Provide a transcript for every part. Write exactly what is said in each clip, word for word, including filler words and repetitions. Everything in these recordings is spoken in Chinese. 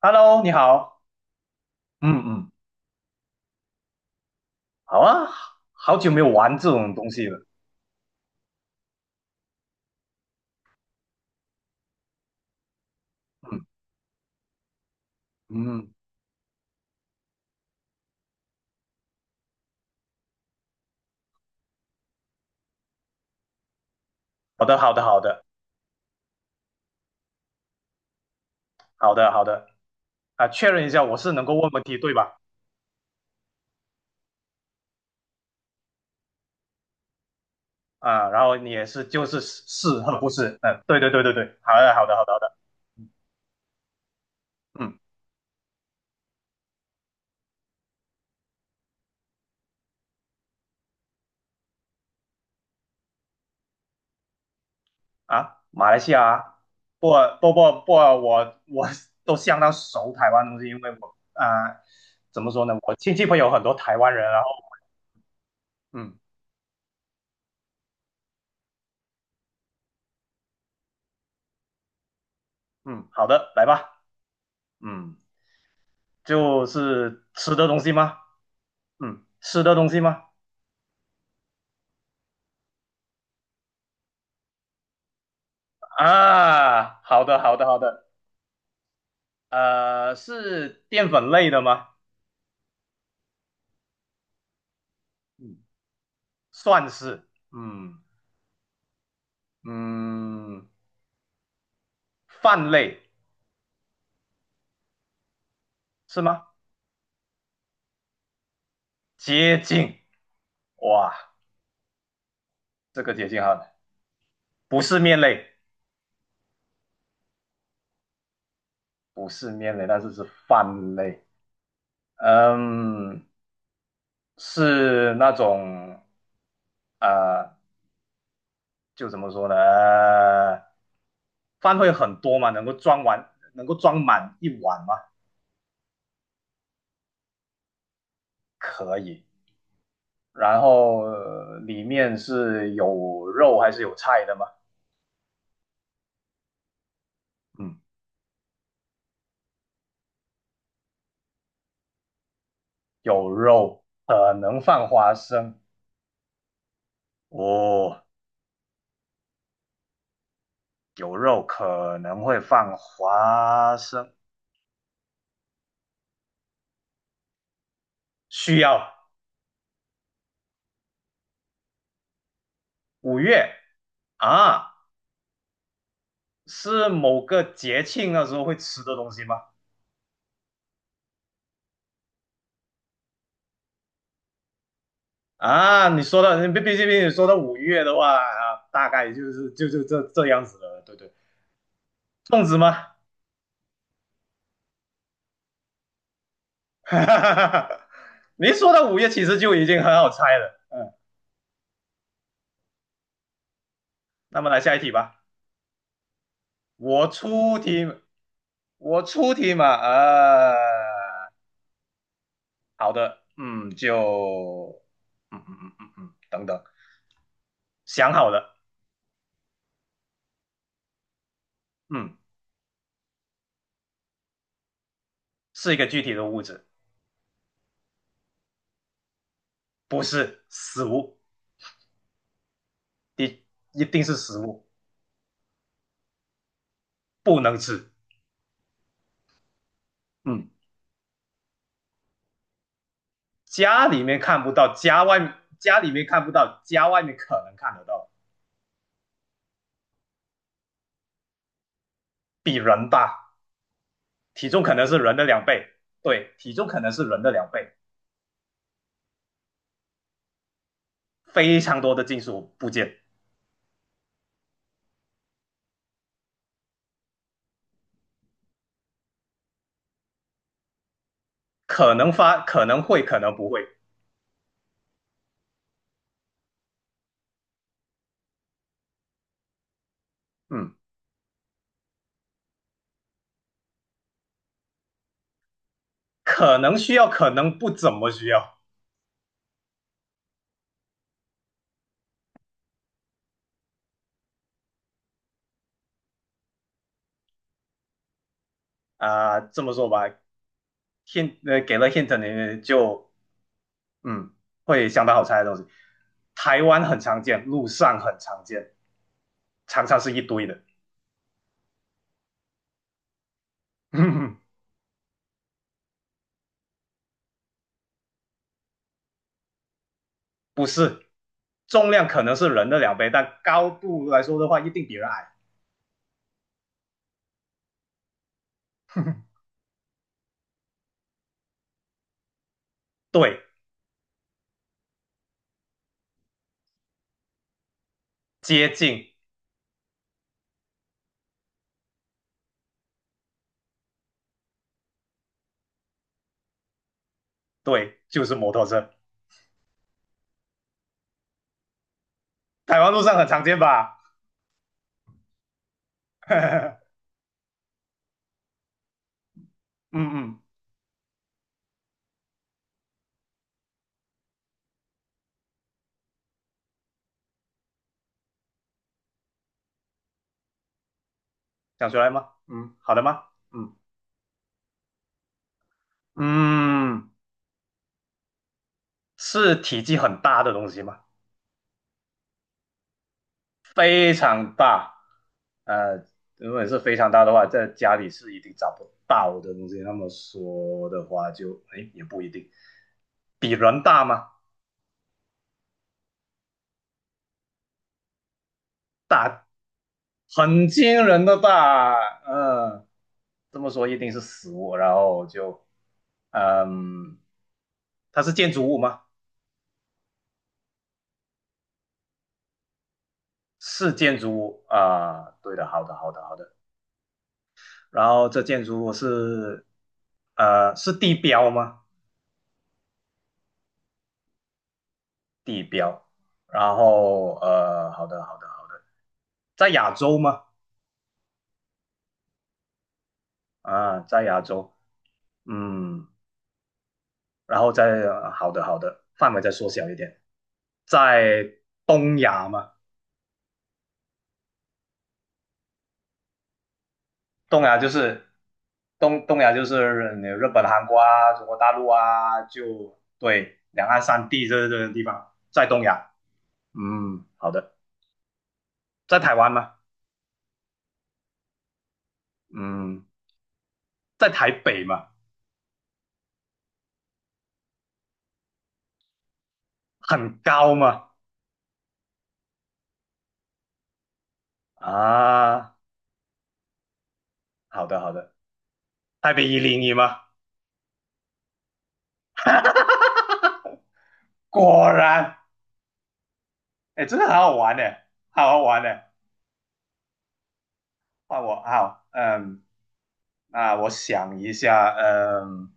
Hello，你好，嗯嗯好啊，好久没有玩这种东西了。嗯，嗯，好的，好的，好的，好的，好的。啊，确认一下，我是能够问问题对吧？啊，然后你也是就是是是和不是，嗯，对对对对对，好的，好的，好的，好的。嗯，啊，马来西亚啊，不不不不，我我都相当熟台湾东西，因为我啊，怎么说呢，我亲戚朋友很多台湾人。然后，嗯嗯，好的，来吧，嗯，就是吃的东西吗？嗯，吃的东西吗？啊，好的，好的，好的。呃，是淀粉类的吗？嗯，算是。嗯嗯，饭类是吗？接近。哇，这个接近哈，不是面类，不是面类，但是是饭类。嗯，是那种呃，就怎么说呢？呃饭会很多吗？能够装完，能够装满一碗吗？可以。然后、呃里面是有肉还是有菜的吗？嗯，有肉，可能放花生。哦，有肉可能会放花生，需要五月啊，是某个节庆的时候会吃的东西吗？啊，你说到，你毕毕竟你说到五月的话啊，大概就是就就这这样子了，对对，粽子吗？你说到五月，其实就已经很好猜了。那么来下一题吧。我出题，我出题嘛，呃，好的，嗯，就，嗯嗯嗯嗯嗯，嗯等等，想好了，嗯，是一个具体的物质，不是食物，一一定是食物，不能吃，嗯，家里面看不到，家外面家里面看不到，家外面可能看得到，比人大，体重可能是人的两倍，对，体重可能是人的两倍，非常多的金属部件，可能发，可能会，可能不会。嗯，可能需要，可能不怎么需要啊、这么说吧，hint 呃给了 hint 你就嗯，会相当好猜的东西。台湾很常见，路上很常见，常常是一堆的，不是重量可能是人的两倍，但高度来说的话，一定比人矮。对，接近，对，就是摩托车。台湾路上很常见吧？嗯嗯，想出来吗？嗯好的吗？嗯嗯，是体积很大的东西吗？非常大。呃，如果是非常大的话，在家里是一定找不到的东西。那么说的话就，哎也不一定，比人大吗？大，很惊人的大。嗯，这么说一定是死物，然后就，嗯，它是建筑物吗？是建筑物啊，对的，好的，好的，好的。然后这建筑物是，呃，是地标吗？地标。然后呃，好的，好的，好的，在亚洲吗？啊，在亚洲，嗯，然后在呃好的，好的，范围再缩小一点，在东亚嘛，东亚就是东东亚就是你日本、韩国啊、中国大陆啊，就对，两岸三地这这个地方，在东亚，嗯，好的，在台湾吗？嗯，在台北嘛，很高嘛，啊，好的，好的。台北一零一吗？果然，哎，真的很好玩呢，好好玩呢。换我，好，嗯，那我想一下，嗯，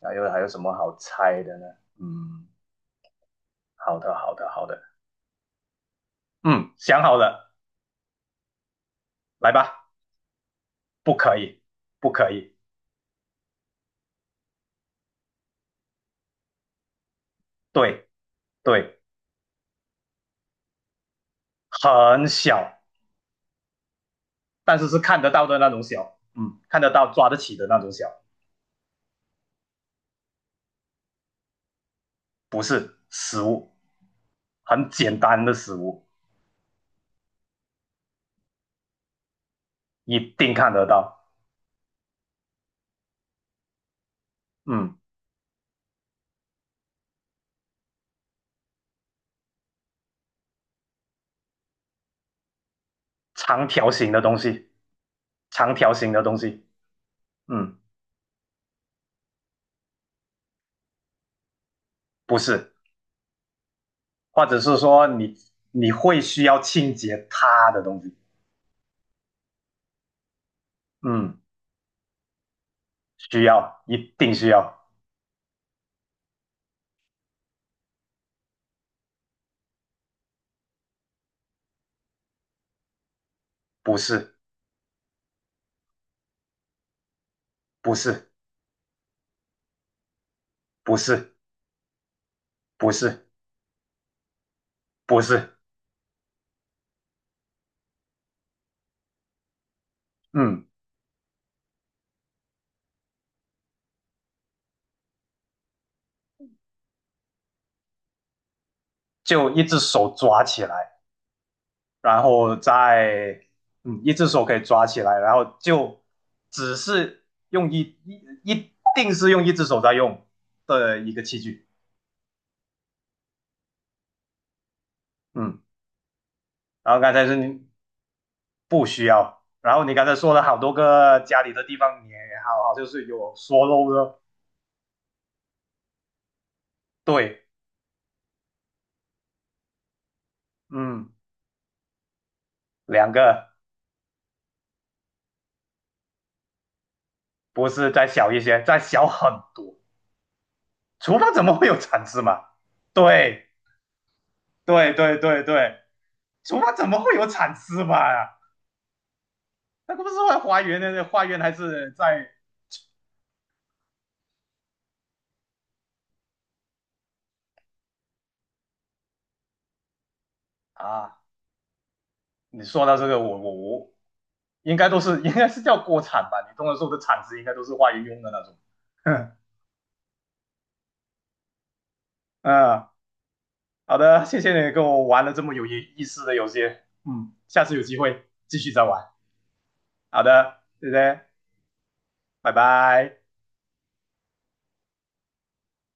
还有还有什么好猜的呢？嗯，好的，好的，好的，嗯，想好了，来吧。不可以，不可以，对对，很小，但是是看得到的那种小，嗯，看得到抓得起的那种小，不是食物，很简单的食物，一定看得到，嗯，长条形的东西。长条形的东西，嗯，不是，或者是说你你会需要清洁它的东西，嗯，需要，一定需要，不是，不是，不是，不是，不是，嗯，就一只手抓起来，然后再，嗯，一只手可以抓起来，然后就只是用一一一定是用一只手在用的一个器具，嗯，然后刚才是你不需要。然后你刚才说了好多个家里的地方也好，好就是有说漏的，对，嗯，两个不是再小一些，再小很多。厨房怎么会有铲子嘛？对，对，对，对，对，厨房怎么会有铲子嘛？那个不是在花园的，花园还是在啊？你说到这个，我我我，应该都是应该是叫锅铲吧？你通常说的铲子应该都是花园用的那种，嗯啊。呃好的，谢谢你跟我玩了这么有意思的游戏，嗯，下次有机会继续再玩。好的，谢谢，拜拜。